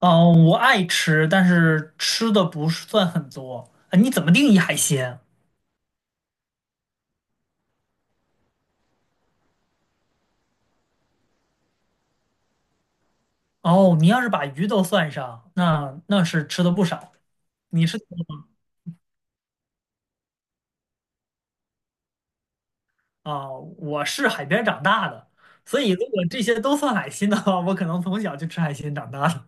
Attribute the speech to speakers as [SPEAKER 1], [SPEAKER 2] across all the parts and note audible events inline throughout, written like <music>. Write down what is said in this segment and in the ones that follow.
[SPEAKER 1] 嗯，我爱吃，但是吃的不是算很多。啊，你怎么定义海鲜？哦，你要是把鱼都算上，那是吃的不少。你是啊，我是海边长大的，所以如果这些都算海鲜的话，我可能从小就吃海鲜长大的。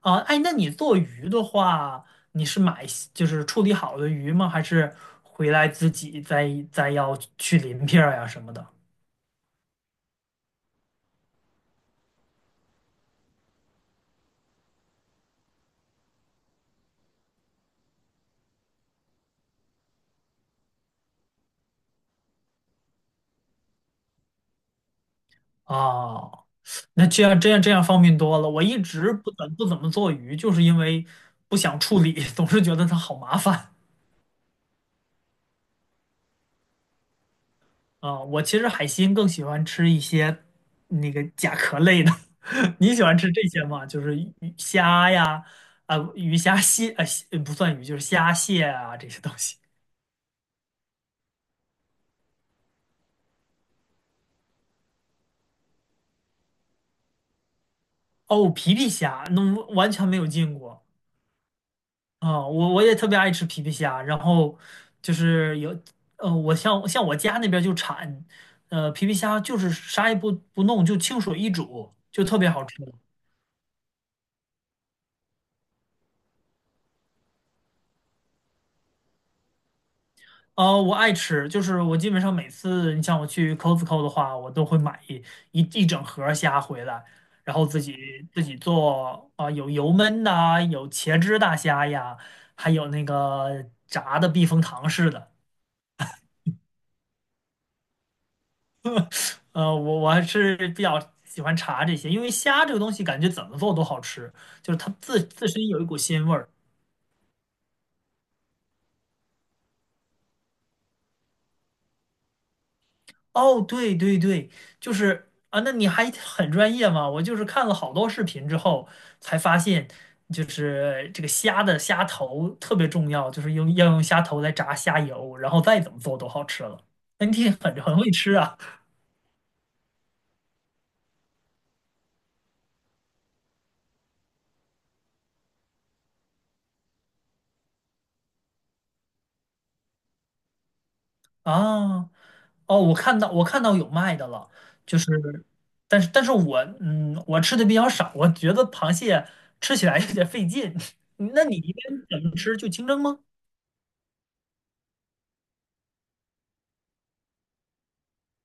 [SPEAKER 1] 啊，哎，那你做鱼的话，你是买就是处理好的鱼吗？还是回来自己再要去鳞片儿呀什么的？哦，那这样方便多了。我一直不怎么做鱼，就是因为不想处理，<laughs> 总是觉得它好麻烦啊。我其实海鲜更喜欢吃一些那个甲壳类的。<laughs> 你喜欢吃这些吗？就是鱼虾呀，啊、鱼虾蟹啊、蟹不算鱼，就是虾蟹啊这些东西。哦，皮皮虾，那完全没有见过。啊，我也特别爱吃皮皮虾，然后就是有，我像我家那边就产，皮皮虾就是啥也不弄，就清水一煮，就特别好吃。啊，我爱吃，就是我基本上每次你像我去 Costco 的话，我都会买一整盒虾回来，然后自己做啊，有油焖的啊有茄汁大虾呀，还有那个炸的避风塘式的。我还是比较喜欢茶这些，因为虾这个东西感觉怎么做都好吃，就是它自身有一股鲜味儿。哦，对对对，就是啊，那你还很专业嘛？我就是看了好多视频之后才发现，就是这个虾的虾头特别重要，就是用要用虾头来炸虾油，然后再怎么做都好吃了。那你挺很会吃啊啊！哦哦，我看到有卖的了，就是，但是我嗯，我吃的比较少，我觉得螃蟹吃起来有点费劲。<laughs> 那你一般怎么吃？就清蒸吗？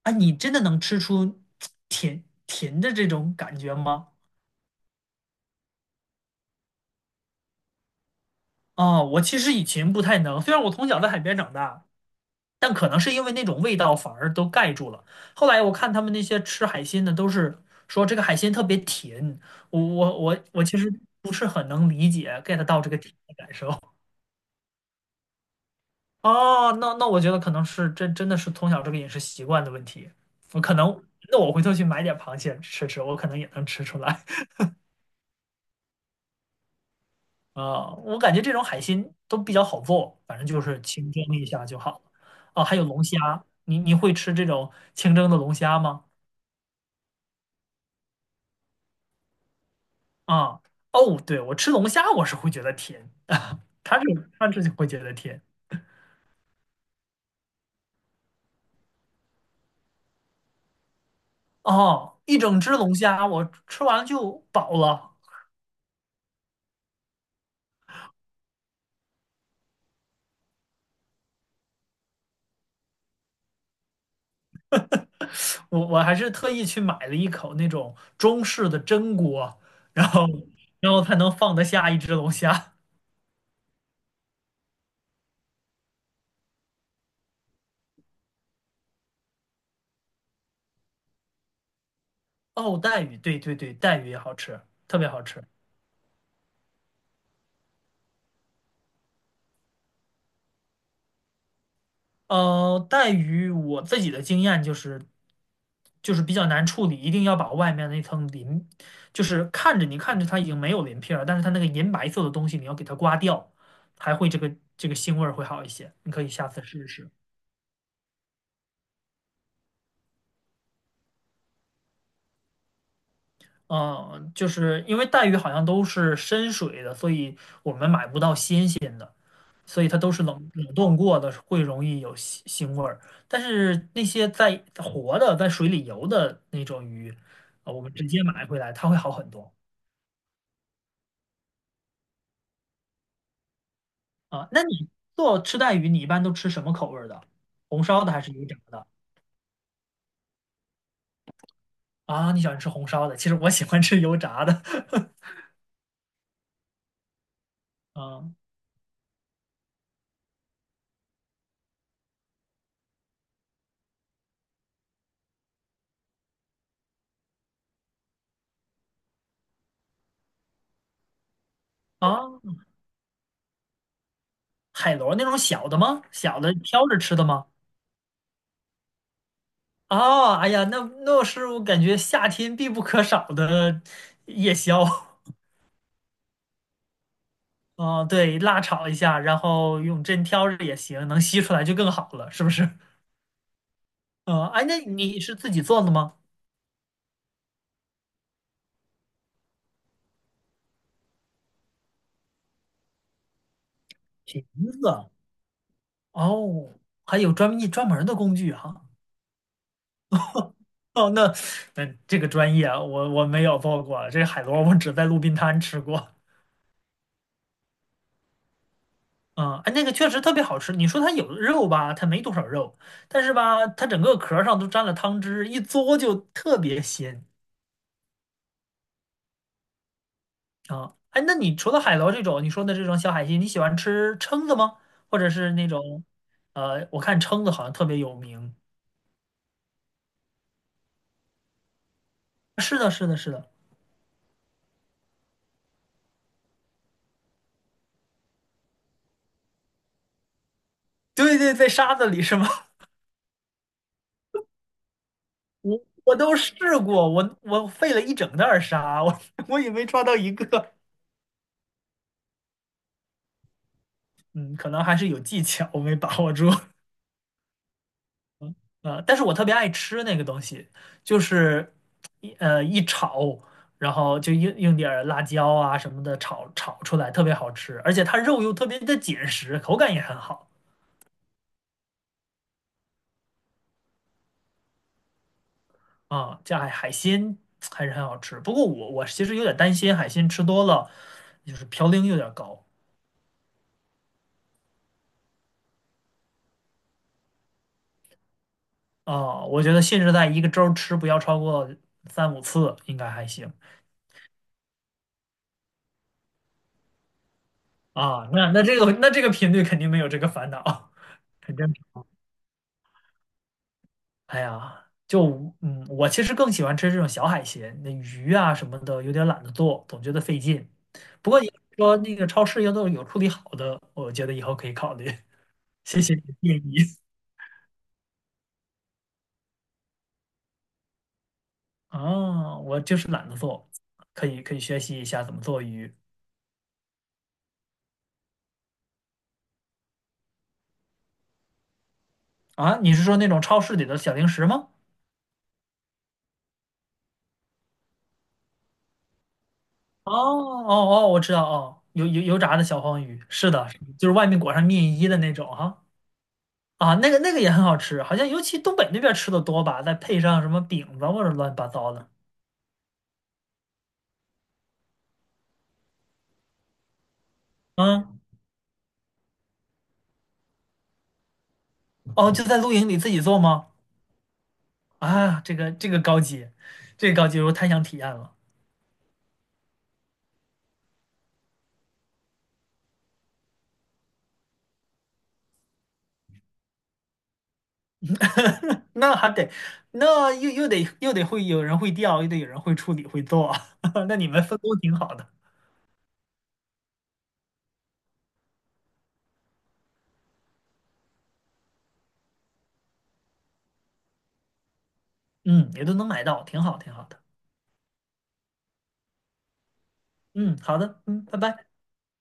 [SPEAKER 1] 啊，你真的能吃出甜甜的这种感觉吗？啊，我其实以前不太能，虽然我从小在海边长大，但可能是因为那种味道反而都盖住了。后来我看他们那些吃海鲜的，都是说这个海鲜特别甜，我其实不是很能理解 get 到这个甜的感受。哦，那我觉得可能是真的是从小这个饮食习惯的问题。我可能那我回头去买点螃蟹吃吃，我可能也能吃出来。<laughs> 啊、我感觉这种海鲜都比较好做，反正就是清蒸一下就好了。哦，还有龙虾，你会吃这种清蒸的龙虾吗？啊、哦，对，我吃龙虾我是会觉得甜，<laughs> 它是会觉得甜。哦，一整只龙虾我吃完了就饱了。我还是特意去买了一口那种中式的蒸锅，然后然后才能放得下一只龙虾。哦，带鱼，对对对，带鱼也好吃，特别好吃。呃，带鱼我自己的经验就是就是比较难处理，一定要把外面那层鳞，就是你看着它已经没有鳞片儿，但是它那个银白色的东西你要给它刮掉，还会这个腥味儿会好一些。你可以下次试试。嗯，就是因为带鱼好像都是深水的，所以我们买不到新鲜的，所以它都是冷冻过的，会容易有腥味儿。但是那些在活的、在水里游的那种鱼，啊，我们直接买回来，它会好很多啊。那你做吃带鱼，你一般都吃什么口味儿的？红烧的还是油炸的？啊，你喜欢吃红烧的，其实我喜欢吃油炸的。<laughs> 嗯啊，海螺那种小的吗？小的挑着吃的吗？哦，哎呀，那那是我感觉夏天必不可少的夜宵。<laughs> 哦，对，辣炒一下，然后用针挑着也行，能吸出来就更好了，是不是？嗯，哎，那你是自己做的吗？瓶子，哦，还有专门儿的工具哈。哦，那那这个专业啊我没有做过，这海螺我只在路边摊吃过。嗯，哎，那个确实特别好吃。你说它有肉吧，它没多少肉，但是吧，它整个壳儿上都沾了汤汁，一嘬就特别鲜啊。哎，那你除了海螺这种你说的这种小海鲜，你喜欢吃蛏子吗？或者是那种，我看蛏子好像特别有名。是的，是的，是的，对对，在沙子里是吗？<laughs> 我我都试过，我费了一整袋儿沙，我 <laughs> 我也没抓到一个。嗯，可能还是有技巧，我没把握住。呃，但是我特别爱吃那个东西，就是一炒，然后就用点儿辣椒啊什么的炒出来，特别好吃，而且它肉又特别的紧实，口感也很好啊。这海鲜还是很好吃，不过我其实有点担心海鲜吃多了就是嘌呤有点高啊。我觉得限制在一个周吃不要超过三五次应该还行啊。那那这个频率肯定没有这个烦恼，<laughs> 肯定。哎呀，就嗯，我其实更喜欢吃这种小海鲜，那鱼啊什么的，有点懒得做，总觉得费劲。不过你说那个超市要都有处理好的，我觉得以后可以考虑。<laughs> 谢谢你的建议啊，我就是懒得做，可以学习一下怎么做鱼啊。你是说那种超市里的小零食吗？哦哦哦，我知道哦，油炸的小黄鱼，是的就是外面裹上面衣的那种哈。啊，那个也很好吃，好像尤其东北那边吃的多吧，再配上什么饼子或者乱七八糟的。嗯，哦，就在露营里自己做吗？啊，这个高级，这个高级，我太想体验了。那还得，那又得会有人会钓，又得有人会处理会做，<laughs> 那你们分工挺好的。嗯，也都能买到，挺好的。嗯，好的，嗯，拜拜。